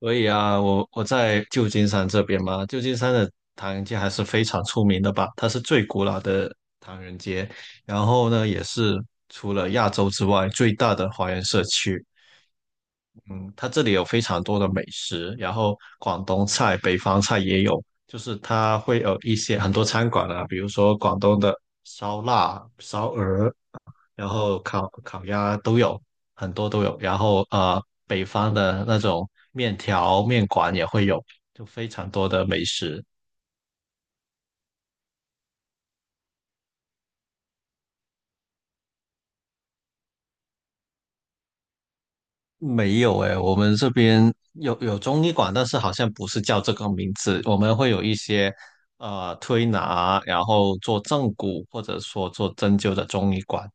所以啊，我在旧金山这边嘛，旧金山的唐人街还是非常出名的吧，它是最古老的唐人街，然后呢，也是除了亚洲之外最大的华人社区。嗯，它这里有非常多的美食，然后广东菜、北方菜也有，就是它会有一些很多餐馆啊，比如说广东的烧腊、烧鹅，然后烤鸭都有很多都有，然后北方的那种面条面馆也会有，就非常多的美食。没有诶，我们这边有中医馆，但是好像不是叫这个名字。我们会有一些推拿，然后做正骨或者说做针灸的中医馆。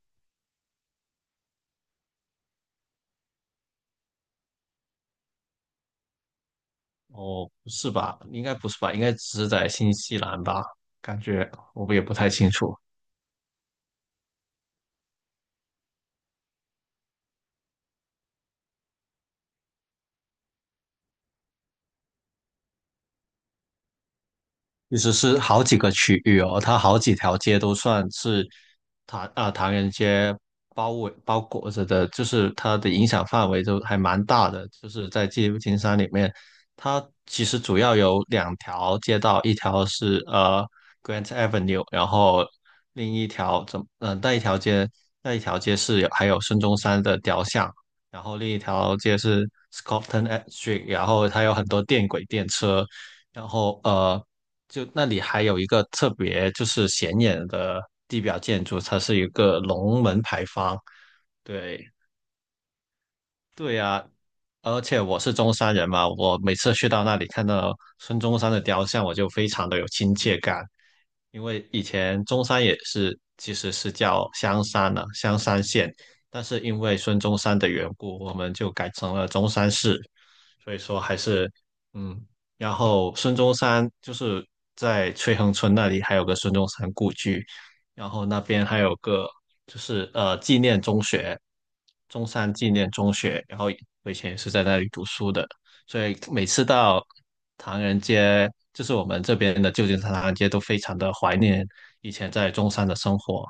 哦，不是吧？应该不是吧？应该只是在新西兰吧？感觉我们也不太清楚。其实是好几个区域哦，它好几条街都算是唐人街包裹着的，就是它的影响范围都还蛮大的。就是在纪录金山里面，它其实主要有2条街道，一条是Grant Avenue，然后另一条那一条街是有还有孙中山的雕像，然后另一条街是 Scotland Street，然后它有很多电轨电车。然后就那里还有一个特别就是显眼的地表建筑，它是一个龙门牌坊。对，对呀，而且我是中山人嘛，我每次去到那里看到孙中山的雕像，我就非常的有亲切感，因为以前中山也是其实是叫香山了、香山县，但是因为孙中山的缘故，我们就改成了中山市。所以说还是嗯，然后孙中山就是在翠亨村那里还有个孙中山故居，然后那边还有个就是纪念中学，中山纪念中学，然后我以前也是在那里读书的，所以每次到唐人街，就是我们这边的旧金山唐人街都非常的怀念以前在中山的生活。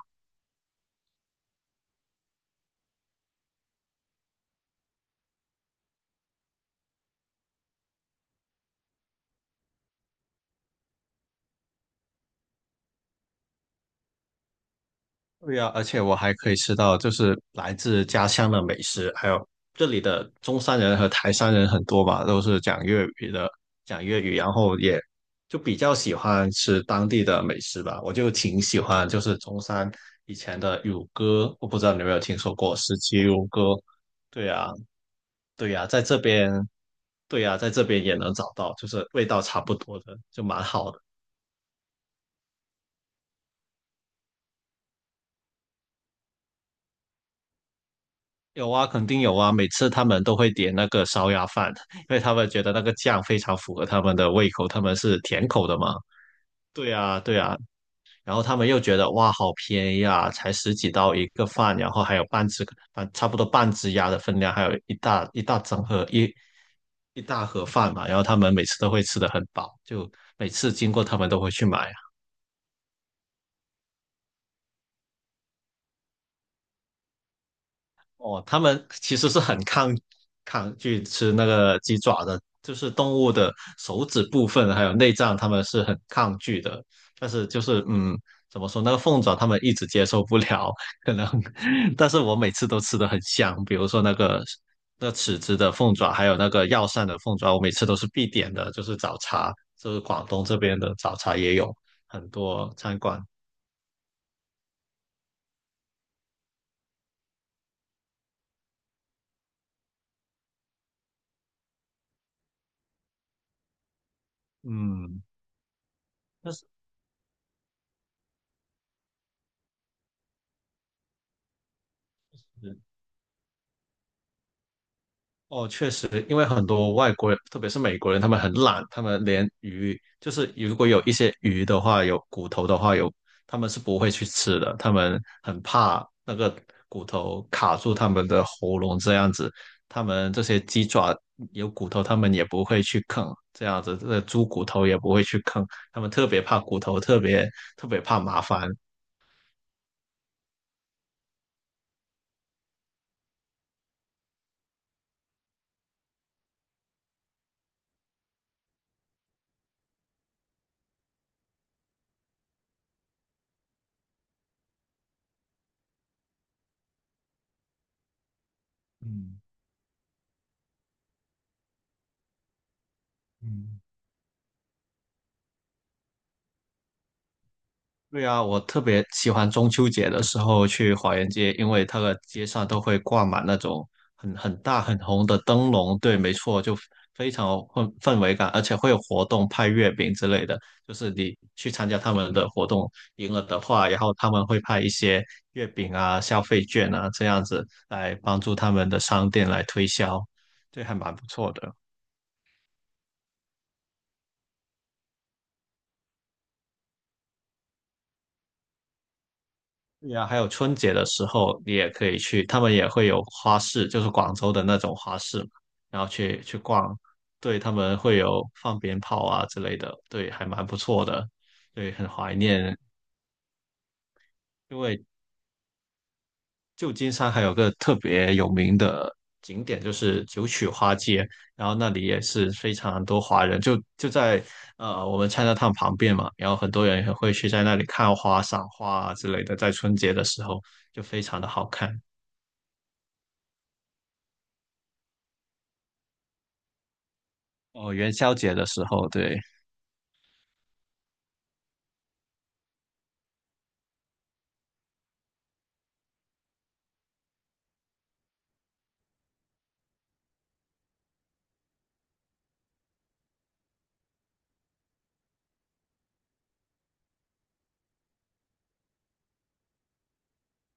对呀，而且我还可以吃到就是来自家乡的美食，还有这里的中山人和台山人很多吧，都是讲粤语的，讲粤语，然后也就比较喜欢吃当地的美食吧。我就挺喜欢，就是中山以前的乳鸽，我不知道你有没有听说过十七乳鸽？对呀，对呀，在这边，对呀，在这边也能找到，就是味道差不多的，就蛮好的。有啊，肯定有啊。每次他们都会点那个烧鸭饭，因为他们觉得那个酱非常符合他们的胃口，他们是甜口的嘛。对啊，对啊。然后他们又觉得哇，好便宜啊，才十几刀一个饭，然后还有半只，差不多半只鸭的分量，还有一大一大整盒一大盒饭嘛。然后他们每次都会吃的很饱，就每次经过他们都会去买。哦，他们其实是很抗拒吃那个鸡爪的，就是动物的手指部分还有内脏，他们是很抗拒的。但是就是怎么说那个凤爪他们一直接受不了，可能。但是我每次都吃的很香，比如说那尺子的凤爪，还有那个药膳的凤爪，我每次都是必点的，就是早茶，就是广东这边的早茶也有很多餐馆。嗯，但是。哦，确实，因为很多外国人，特别是美国人，他们很懒，他们连鱼，就是如果有一些鱼的话，有骨头的话，他们是不会去吃的，他们很怕那个骨头卡住他们的喉咙这样子。他们这些鸡爪有骨头，他们也不会去啃，这样子，这个猪骨头也不会去啃，他们特别怕骨头，特别特别怕麻烦。嗯嗯。对啊，我特别喜欢中秋节的时候去华园街，因为它的街上都会挂满那种很很大很红的灯笼。对，没错，就非常有氛围感，而且会有活动派月饼之类的。就是你去参加他们的活动，赢了的话，然后他们会派一些月饼啊、消费券啊这样子来帮助他们的商店来推销，这还蛮不错的。对呀，还有春节的时候，你也可以去，他们也会有花市，就是广州的那种花市嘛，然后去逛，对，他们会有放鞭炮啊之类的，对，还蛮不错的，对，很怀念，因为旧金山还有个特别有名的景点就是九曲花街，然后那里也是非常多华人，就在我们 Chinatown 旁边嘛，然后很多人也会去在那里看花、赏花啊之类的，在春节的时候就非常的好看。哦，元宵节的时候，对，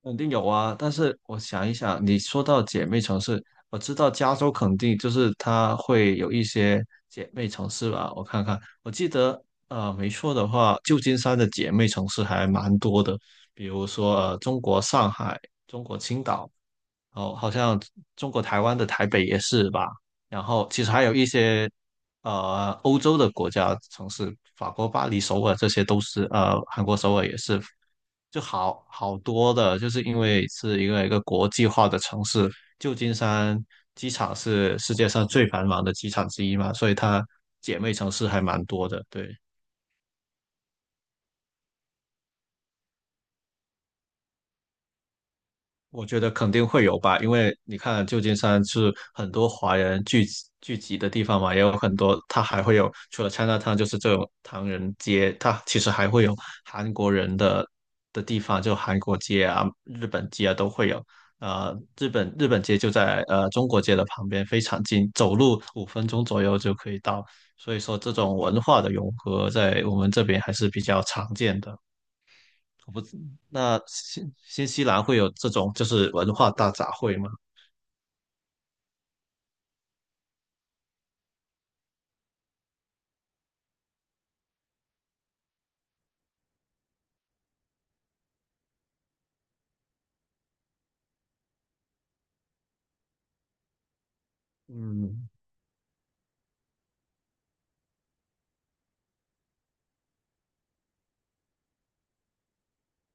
肯定有啊。但是我想一想，你说到姐妹城市，我知道加州肯定就是它会有一些姐妹城市吧？我看看，我记得没错的话，旧金山的姐妹城市还蛮多的，比如说中国上海、中国青岛，哦，好像中国台湾的台北也是吧？然后其实还有一些欧洲的国家城市，法国巴黎、首尔这些都是，韩国首尔也是就好好多的，就是因为是一个国际化的城市，旧金山机场是世界上最繁忙的机场之一嘛，所以它姐妹城市还蛮多的，对。我觉得肯定会有吧，因为你看旧金山是很多华人聚集的地方嘛，也有很多，它还会有除了 Chinatown 就是这种唐人街，它其实还会有韩国人的地方，就韩国街啊、日本街啊都会有。呃，日本街就在中国街的旁边，非常近，走路5分钟左右就可以到。所以说，这种文化的融合在我们这边还是比较常见的。我不知，那新西兰会有这种就是文化大杂烩吗？嗯，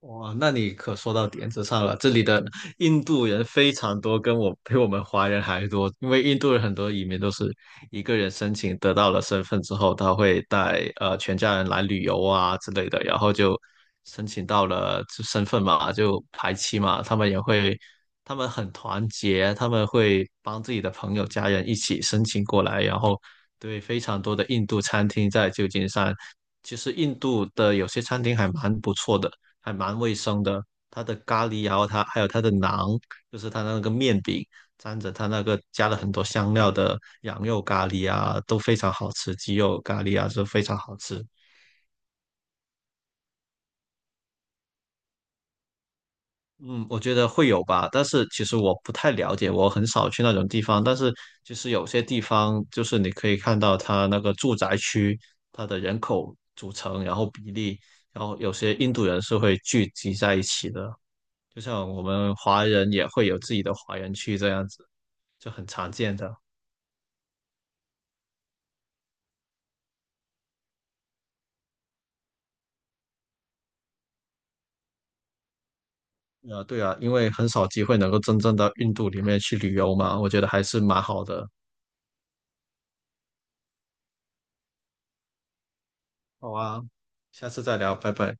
哇，那你可说到点子上了。这里的印度人非常多，跟我比我们华人还多。因为印度人很多移民都是一个人申请得到了身份之后，他会带全家人来旅游啊之类的，然后就申请到了就身份嘛，就排期嘛。他们也会，他们很团结，他们会帮自己的朋友、家人一起申请过来，然后对非常多的印度餐厅在旧金山。其实印度的有些餐厅还蛮不错的，还蛮卫生的。它的咖喱啊，然后它还有它的馕，就是它那个面饼，沾着它那个加了很多香料的羊肉咖喱啊，都非常好吃。鸡肉咖喱啊，是非常好吃。嗯，我觉得会有吧，但是其实我不太了解，我很少去那种地方。但是其实有些地方，就是你可以看到它那个住宅区，它的人口组成，然后比例，然后有些印度人是会聚集在一起的，就像我们华人也会有自己的华人区这样子。就很常见的。对啊，因为很少机会能够真正到印度里面去旅游嘛，我觉得还是蛮好的。好啊，下次再聊，拜拜。